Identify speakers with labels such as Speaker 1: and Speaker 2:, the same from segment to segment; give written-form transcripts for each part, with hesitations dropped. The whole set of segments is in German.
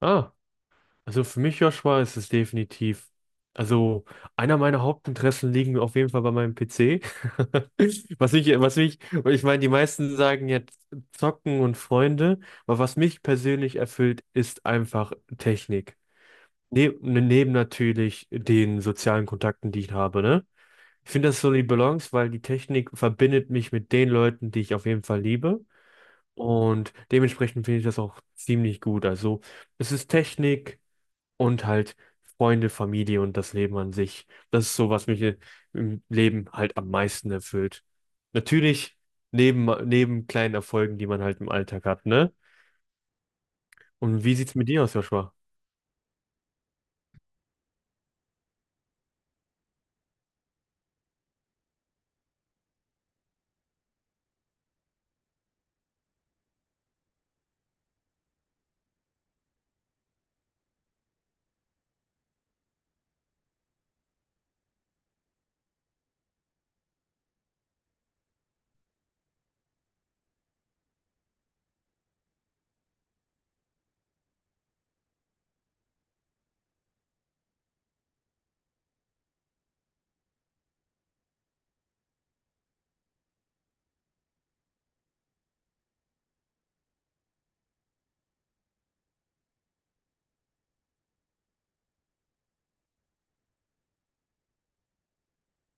Speaker 1: Ah, also für mich, Joshua, ist es definitiv. Also, einer meiner Hauptinteressen liegen auf jeden Fall bei meinem PC. Und ich meine, die meisten sagen jetzt Zocken und Freunde, aber was mich persönlich erfüllt, ist einfach Technik. Ne, neben natürlich den sozialen Kontakten, die ich habe, ne? Ich finde das so die Balance, weil die Technik verbindet mich mit den Leuten, die ich auf jeden Fall liebe. Und dementsprechend finde ich das auch ziemlich gut. Also, es ist Technik und halt Freunde, Familie und das Leben an sich. Das ist so, was mich im Leben halt am meisten erfüllt. Natürlich neben kleinen Erfolgen, die man halt im Alltag hat, ne? Und wie sieht's mit dir aus, Joshua?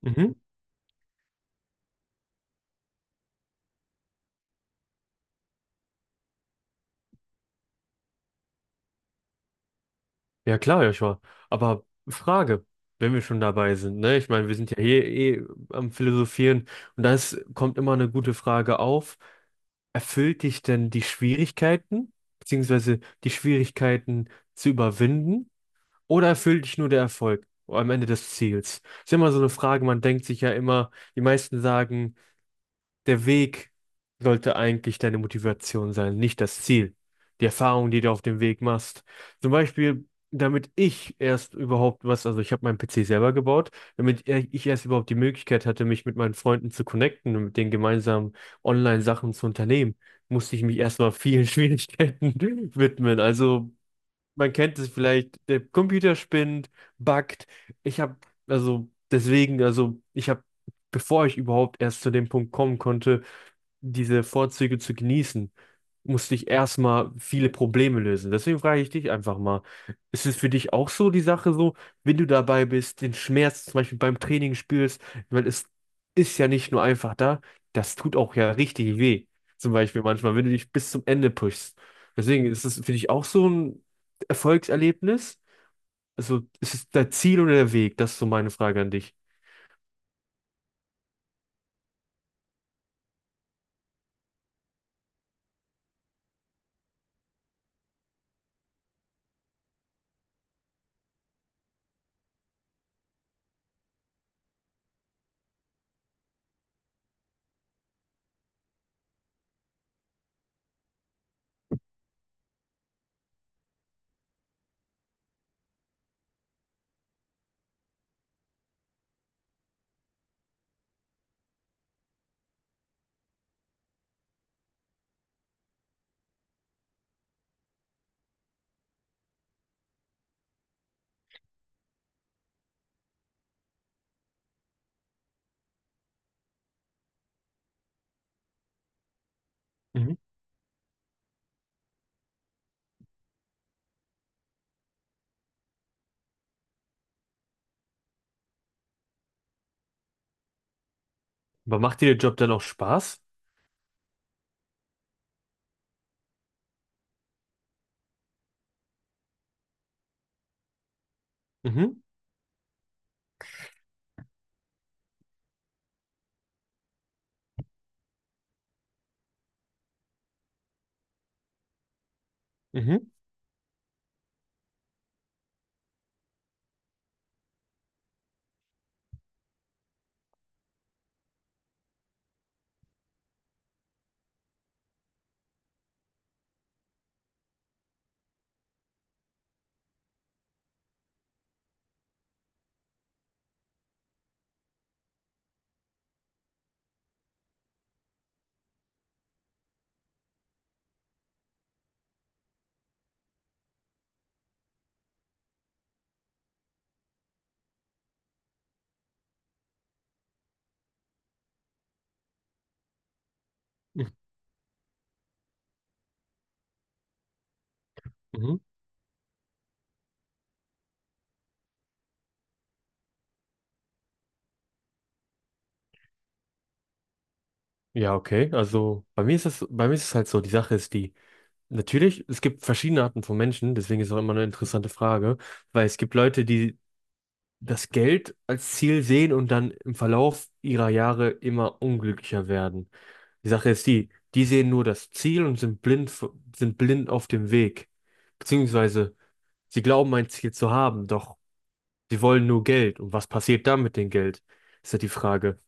Speaker 1: Mhm. Ja klar, Joshua. Aber Frage, wenn wir schon dabei sind, ne? Ich meine, wir sind ja hier eh am Philosophieren und kommt immer eine gute Frage auf. Erfüllt dich denn die Schwierigkeiten, beziehungsweise die Schwierigkeiten zu überwinden? Oder erfüllt dich nur der Erfolg am Ende des Ziels? Ist ja immer so eine Frage, man denkt sich ja immer, die meisten sagen, der Weg sollte eigentlich deine Motivation sein, nicht das Ziel. Die Erfahrung, die du auf dem Weg machst. Zum Beispiel, damit ich erst überhaupt was, also ich habe meinen PC selber gebaut, damit ich erst überhaupt die Möglichkeit hatte, mich mit meinen Freunden zu connecten und mit denen gemeinsam Online-Sachen zu unternehmen, musste ich mich erstmal vielen Schwierigkeiten widmen. Also man kennt es vielleicht, der Computer spinnt, buggt. Ich habe, also deswegen, also ich habe, bevor ich überhaupt erst zu dem Punkt kommen konnte, diese Vorzüge zu genießen, musste ich erstmal viele Probleme lösen. Deswegen frage ich dich einfach mal, ist es für dich auch so die Sache so, wenn du dabei bist, den Schmerz zum Beispiel beim Training spürst, weil es ist ja nicht nur einfach da, das tut auch ja richtig weh. Zum Beispiel manchmal, wenn du dich bis zum Ende pushst. Deswegen ist es für dich auch so ein Erfolgserlebnis. Also ist es dein Ziel oder der Weg? Das ist so meine Frage an dich. Mhm. Aber macht dir der Job dann auch Spaß? Mhm, mhm, mhm, mhm. Ja, okay. Bei mir ist es halt so, die Sache ist die, natürlich, es gibt verschiedene Arten von Menschen, deswegen ist auch immer eine interessante Frage, weil es gibt Leute, die das Geld als Ziel sehen und dann im Verlauf ihrer Jahre immer unglücklicher werden. Die Sache ist die, die sehen nur das Ziel und sind blind, sind blind auf dem Weg. Beziehungsweise sie glauben ein Ziel zu haben, doch sie wollen nur Geld. Und was passiert dann mit dem Geld? Ist ja die Frage.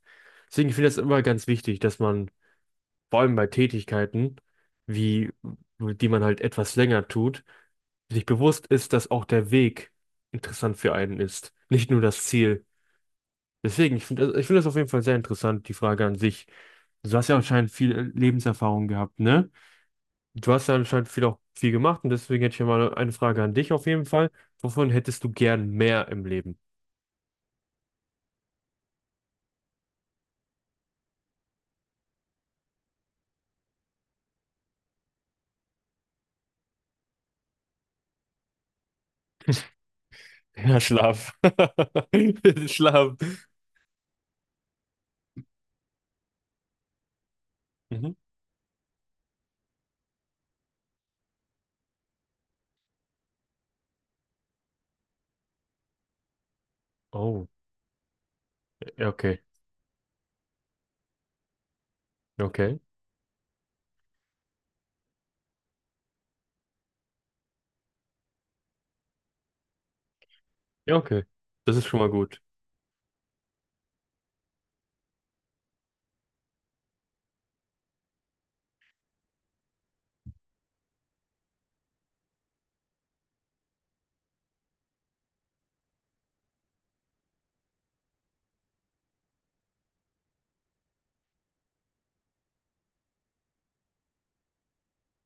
Speaker 1: Deswegen finde ich das immer ganz wichtig, dass man vor allem bei Tätigkeiten, wie, die man halt etwas länger tut, sich bewusst ist, dass auch der Weg interessant für einen ist, nicht nur das Ziel. Deswegen, ich finde das auf jeden Fall sehr interessant, die Frage an sich. Du hast ja anscheinend viel Lebenserfahrung gehabt, ne? Du hast ja anscheinend viel gemacht und deswegen hätte ich ja mal eine Frage an dich auf jeden Fall. Wovon hättest du gern mehr im Leben? Ja, Schlaf. Schlaf. Mhm. Oh, ja, okay. Okay. Ja, okay. Das ist schon mal gut.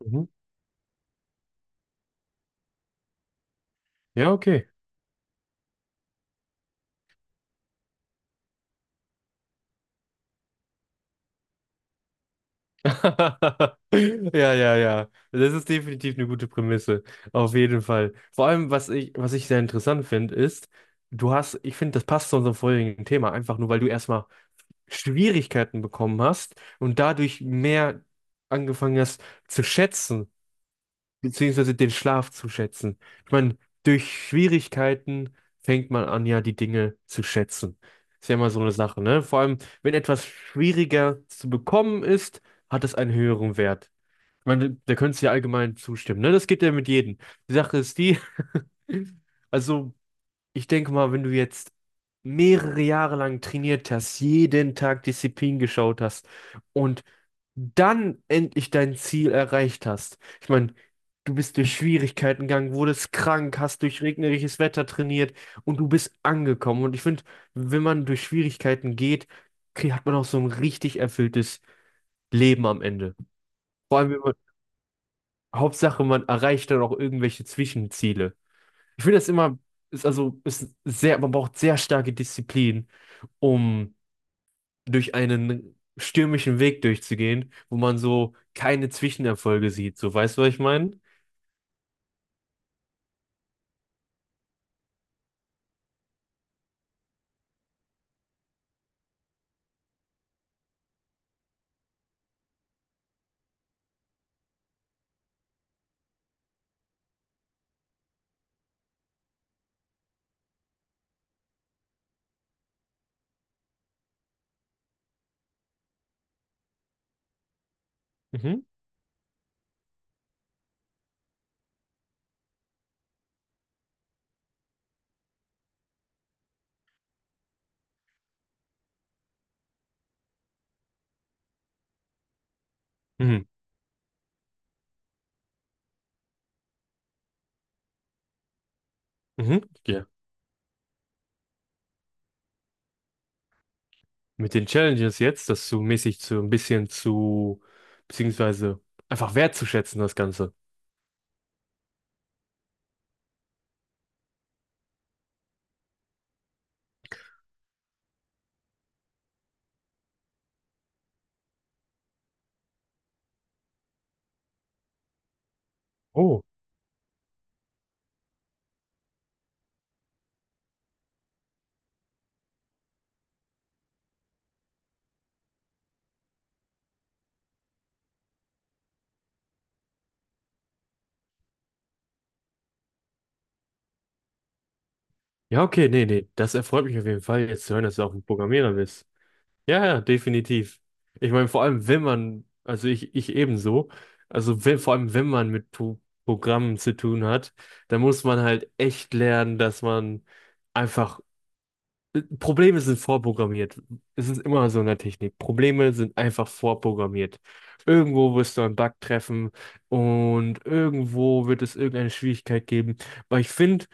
Speaker 1: Mhm. Ja, okay. Ja, ja, ja. Das ist definitiv eine gute Prämisse. Auf jeden Fall. Vor allem, was ich sehr interessant finde, ist, du hast, ich finde, das passt zu unserem vorherigen Thema, einfach nur, weil du erstmal Schwierigkeiten bekommen hast und dadurch mehr angefangen hast zu schätzen, beziehungsweise den Schlaf zu schätzen. Ich meine, durch Schwierigkeiten fängt man an, ja, die Dinge zu schätzen. Ist ja immer so eine Sache, ne? Vor allem, wenn etwas schwieriger zu bekommen ist, hat es einen höheren Wert. Ich meine, da könntest du ja allgemein zustimmen, ne? Das geht ja mit jedem. Die Sache ist die, also ich denke mal, wenn du jetzt mehrere Jahre lang trainiert hast, jeden Tag Disziplin geschaut hast und dann endlich dein Ziel erreicht hast. Ich meine, du bist durch Schwierigkeiten gegangen, wurdest krank, hast durch regnerisches Wetter trainiert und du bist angekommen. Und ich finde, wenn man durch Schwierigkeiten geht, hat man auch so ein richtig erfülltes Leben am Ende. Vor allem, wenn man, Hauptsache, man erreicht dann auch irgendwelche Zwischenziele. Ich finde das immer, ist also, ist sehr, man braucht sehr starke Disziplin, um durch einen stürmischen Weg durchzugehen, wo man so keine Zwischenerfolge sieht. So, weißt du, was ich meine? Mhm. Mhm. Mhm. Ja. Mit den Challenges jetzt, das zu mäßig zu ein bisschen zu, beziehungsweise einfach wertzuschätzen, das Ganze. Oh. Ja, okay, nee, nee. Das erfreut mich auf jeden Fall, jetzt zu hören, dass du auch ein Programmierer bist. Ja, ja, definitiv. Ich meine, vor allem, wenn man, also ich ebenso, also wenn, vor allem, wenn man mit Programmen zu tun hat, dann muss man halt echt lernen, dass man einfach, Probleme sind vorprogrammiert. Es ist immer so in der Technik. Probleme sind einfach vorprogrammiert. Irgendwo wirst du einen Bug treffen und irgendwo wird es irgendeine Schwierigkeit geben. Aber ich finde,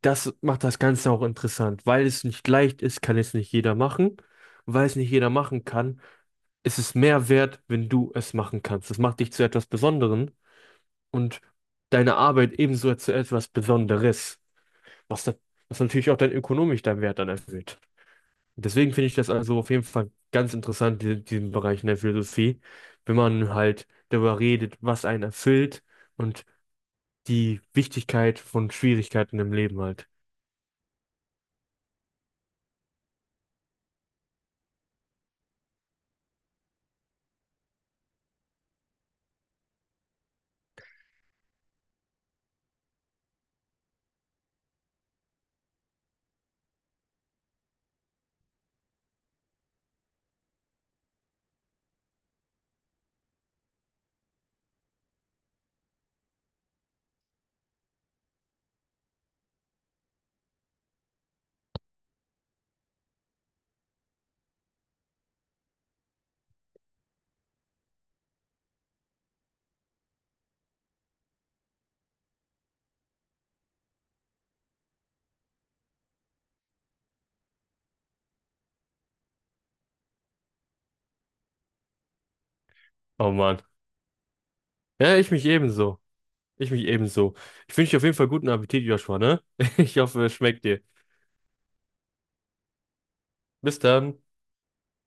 Speaker 1: das macht das Ganze auch interessant. Weil es nicht leicht ist, kann es nicht jeder machen. Weil es nicht jeder machen kann, es ist mehr wert, wenn du es machen kannst. Das macht dich zu etwas Besonderem und deine Arbeit ebenso zu etwas Besonderes, was, da, was natürlich auch dein ökonomisch deinen Wert dann erhöht. Deswegen finde ich das also auf jeden Fall ganz interessant, diesen Bereich in der Philosophie, wenn man halt darüber redet, was einen erfüllt und die Wichtigkeit von Schwierigkeiten im Leben halt. Oh Mann. Ja, ich mich ebenso. Ich mich ebenso. Ich wünsche dir auf jeden Fall guten Appetit, Joshua, ne? Ich hoffe, es schmeckt dir. Bis dann.